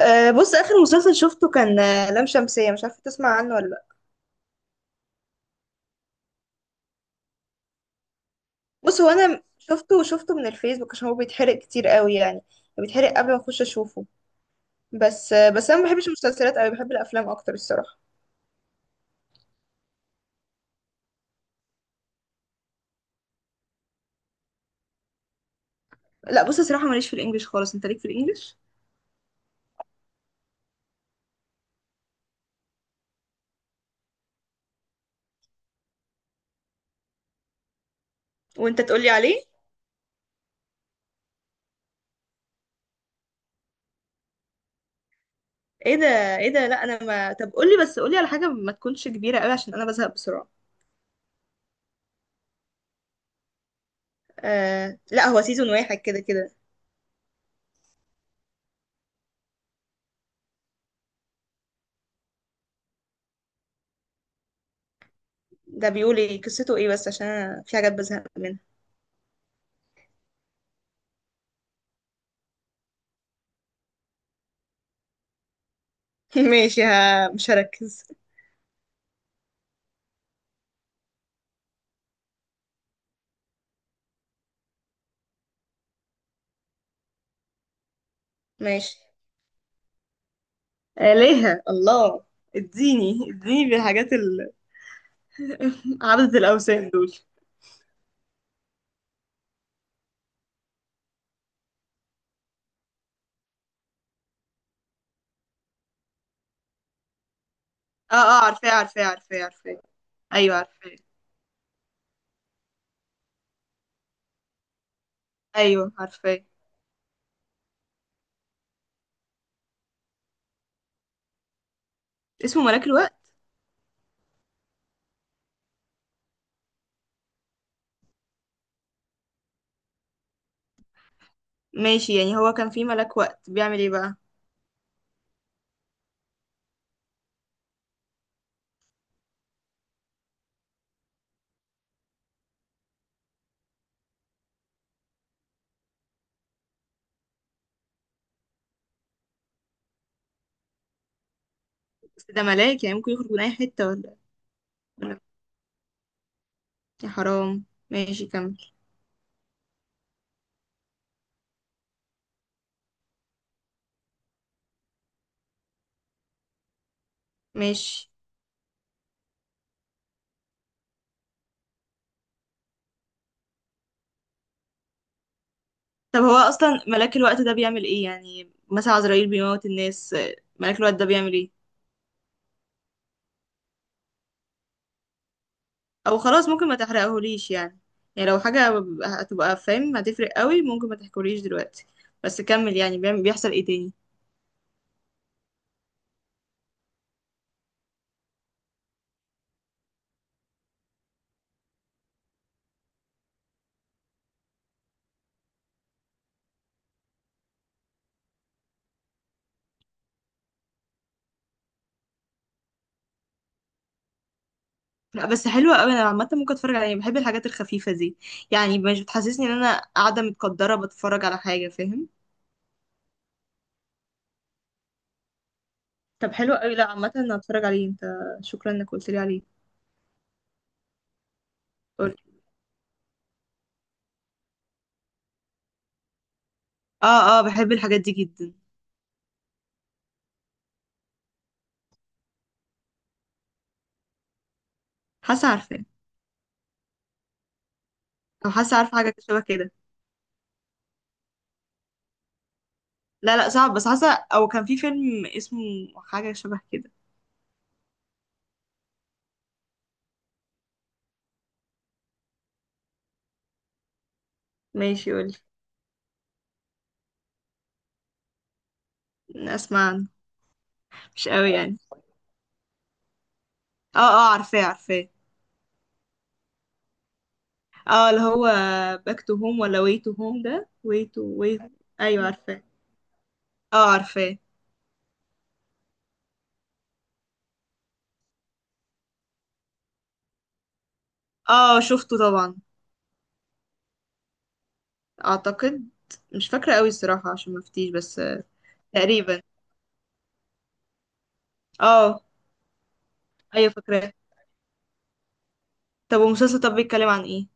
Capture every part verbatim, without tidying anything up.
أه بص، اخر مسلسل شفته كان آه، لام شمسية. مش عارفة تسمع عنه ولا لا. بص، هو انا شفته وشفته من الفيسبوك عشان هو بيتحرق كتير قوي يعني. بيتحرق قبل ما اخش اشوفه. بس آه، بس انا ما بحبش المسلسلات قوي، بحب الافلام اكتر الصراحة. لا بص، الصراحة ماليش في الانجليش خالص، انت ليك في الانجليش. وانت تقولي عليه. ايه ده؟ ايه ده؟ لا انا ما طب قولي، بس قولي على حاجة ما تكونش كبيرة قوي عشان انا بزهق بسرعة. أه لا، هو سيزون واحد كده كده. ده بيقول ايه؟ قصته ايه بس؟ عشان انا في حاجات بزهق منها. ماشي، ها، مش هركز. ماشي. آلهة الله. اديني اديني بالحاجات ال... عبدة الأوثان دول. اه اه، عارفاه عارفاه عارفاه عارفاه. ايوه عارفاه. ايوه عارفاه. اسمه ملاك الوقت؟ ماشي، يعني هو كان في ملاك وقت بيعمل ايه بقى؟ بس ده ملاك، يعني ممكن يخرج من اي حتة ولا؟ ولا- يا حرام. ماشي كمل. ماشي. طب هو اصلا ملاك الوقت ده بيعمل ايه؟ يعني مثلا عزرائيل بيموت الناس، آه، ملاك الوقت ده بيعمل ايه؟ او خلاص، ممكن ما تحرقهوليش يعني. يعني لو حاجة هتبقى فاهم هتفرق قوي، ممكن ما تحكوليش دلوقتي. بس كمل يعني. بيعمل- بيحصل ايه تاني؟ لا بس حلوة قوي. انا عامة ممكن اتفرج عليها، بحب الحاجات الخفيفة دي. يعني مش بتحسسني ان انا قاعدة متقدرة بتفرج على حاجة، فاهم. طب حلوة قوي. لا عامة انا هتفرج عليه. انت، شكرا انك قلت لي عليه. قولي. اه اه، بحب الحاجات دي جدا. حاسة عارفاه. او حاسة عارفة حاجة شبه كده. لا لا، صعب. بس حاسة او كان في فيلم اسمه حاجة شبه كده. ماشي قولي. اسمع عنه. مش قوي يعني. اه اه عارفاه عارفاه. اه اللي هو باك تو هوم ولا واي تو هوم؟ ده واي تو واي. ايوه عارفاه. اه عارفاه. اه شفته طبعا. اعتقد. مش فاكره قوي الصراحه عشان ما افتيش بس. آه، تقريبا. اه. ايوه فاكراه. طب والمسلسل طب بيتكلم عن ايه؟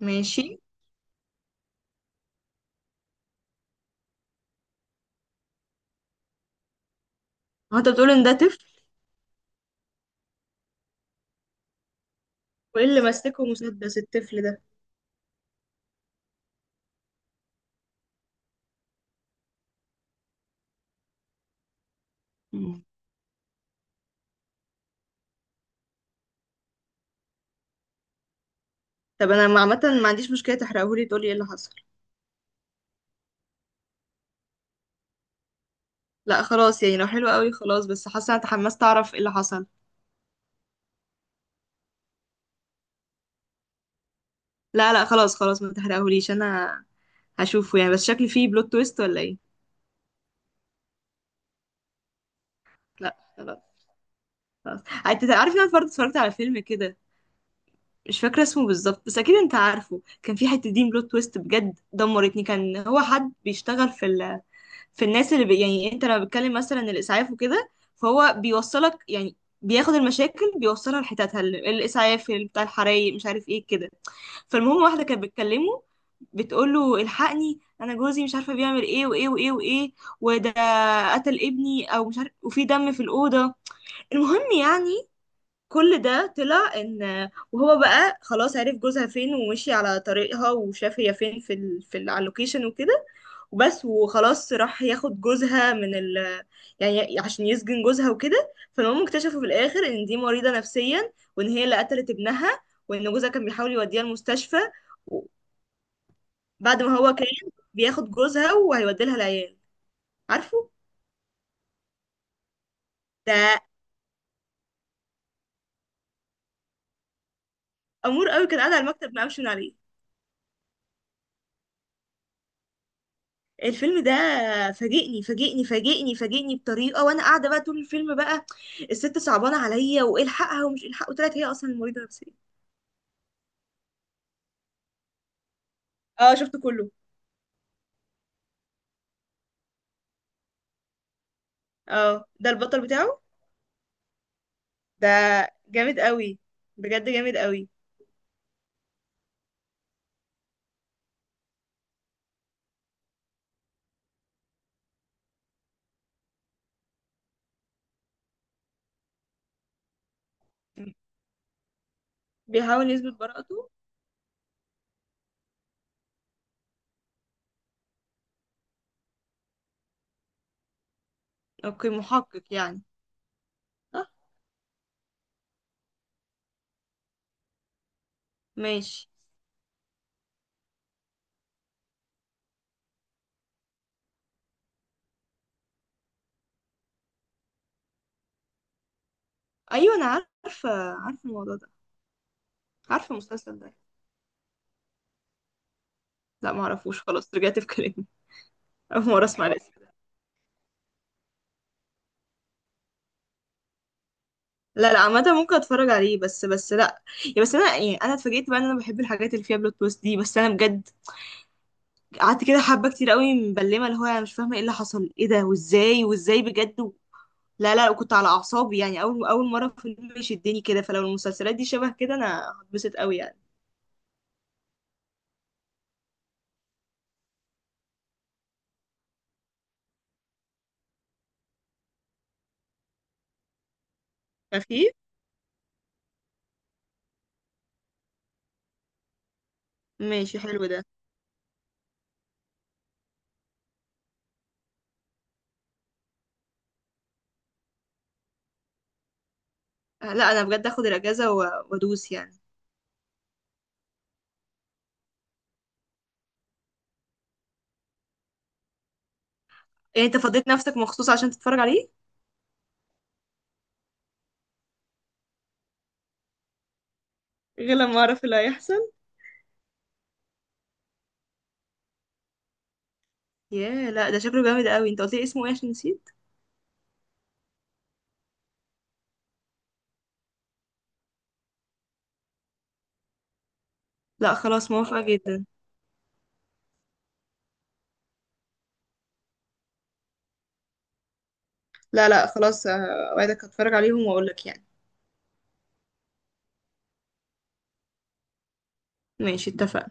ماشي. هو انت بتقول ان ده طفل؟ وايه اللي ماسكه مسدس الطفل ده؟ مم. طب انا ما- عامه ما عنديش مشكله، تحرقهولي تقولي ايه اللي حصل. لا خلاص، يعني لو حلو قوي خلاص، بس حاسه انا اتحمست اعرف ايه اللي حصل. لا لا خلاص خلاص، ما تحرقهوليش انا. هشوفه يعني، بس شكله فيه بلوت تويست ولا ايه؟ لا خلاص. خلاص. انت عارف ان انا برضه اتفرجت على فيلم كده، مش فاكره اسمه بالظبط بس اكيد انت عارفه. كان في حته دي بلوت تويست بجد دمرتني. كان هو حد بيشتغل في ال... في الناس اللي بي... يعني انت لما بتكلم مثلا الاسعاف وكده، فهو بيوصلك يعني. بياخد المشاكل بيوصلها لحتتها، ال- الاسعاف بتاع الحرايق مش عارف ايه كده. فالمهم، واحدة كانت بتكلمه، بتقول له الحقني، انا جوزي مش عارفه بيعمل ايه وايه وايه وايه، وده قتل ابني او مش عارف، وفي دم في الاوضه. المهم يعني، كل ده طلع ان وهو بقى خلاص عرف جوزها فين، ومشي على طريقها وشاف هي فين في ال... في ال- على اللوكيشن وكده، وبس، وخلاص راح ياخد جوزها من ال، يعني عشان يسجن جوزها وكده. فالمهم اكتشفوا في الاخر ان دي مريضة نفسيا، وان هي اللي قتلت ابنها، وان جوزها كان بيحاول يوديها المستشفى، بعد ما هو كان بياخد جوزها وهيودي لها العيال. عارفه؟ ده امور قوي، كان قاعد على المكتب ما قامش من عليه. الفيلم ده فاجئني فاجئني فاجئني فاجئني بطريقه، وانا قاعده بقى طول الفيلم. بقى الست صعبانه عليا والحقها ومش الحق، وطلعت هي اصلا مريضه نفسيه. اه شفته كله. اه ده البطل بتاعه. ده جامد قوي، بجد جامد قوي. بيحاول يثبت براءته. اوكي، محقق يعني. اه. ماشي. ايوه انا عارفه، عارفه الموضوع ده. عارفه المسلسل ده. لا معرفوش، خلاص رجعت في كلامي. اول مره اسمع. لا لا، عامة ممكن اتفرج عليه. بس بس لا يعني. بس انا يعني انا اتفاجئت بقى ان انا بحب الحاجات اللي فيها بلوت تويست دي. بس انا بجد قعدت كده حبة كتير قوي مبلمة، اللي هو انا مش فاهمة ايه اللي حصل، ايه ده وازاي وازاي بجد. و... لا لا، كنت على اعصابي يعني. اول اول مرة فيلم يشدني كده، فلو المسلسلات دي شبه كده انا هتبسط قوي يعني. خفيف. ماشي حلو ده. آه، لا انا بجد اخد الاجازة. و... وادوس يعني. يعني انت فضيت نفسك مخصوص عشان تتفرج عليه؟ غير لما اعرف اللي هيحصل. ياه، لا ده شكله جامد قوي. انت قلت لي اسمه ايه؟ عشان نسيت. لا خلاص، موافقة جدا. لا لا خلاص، آه، اوعدك هتفرج عليهم واقول لك يعني. ماشي اتفقنا.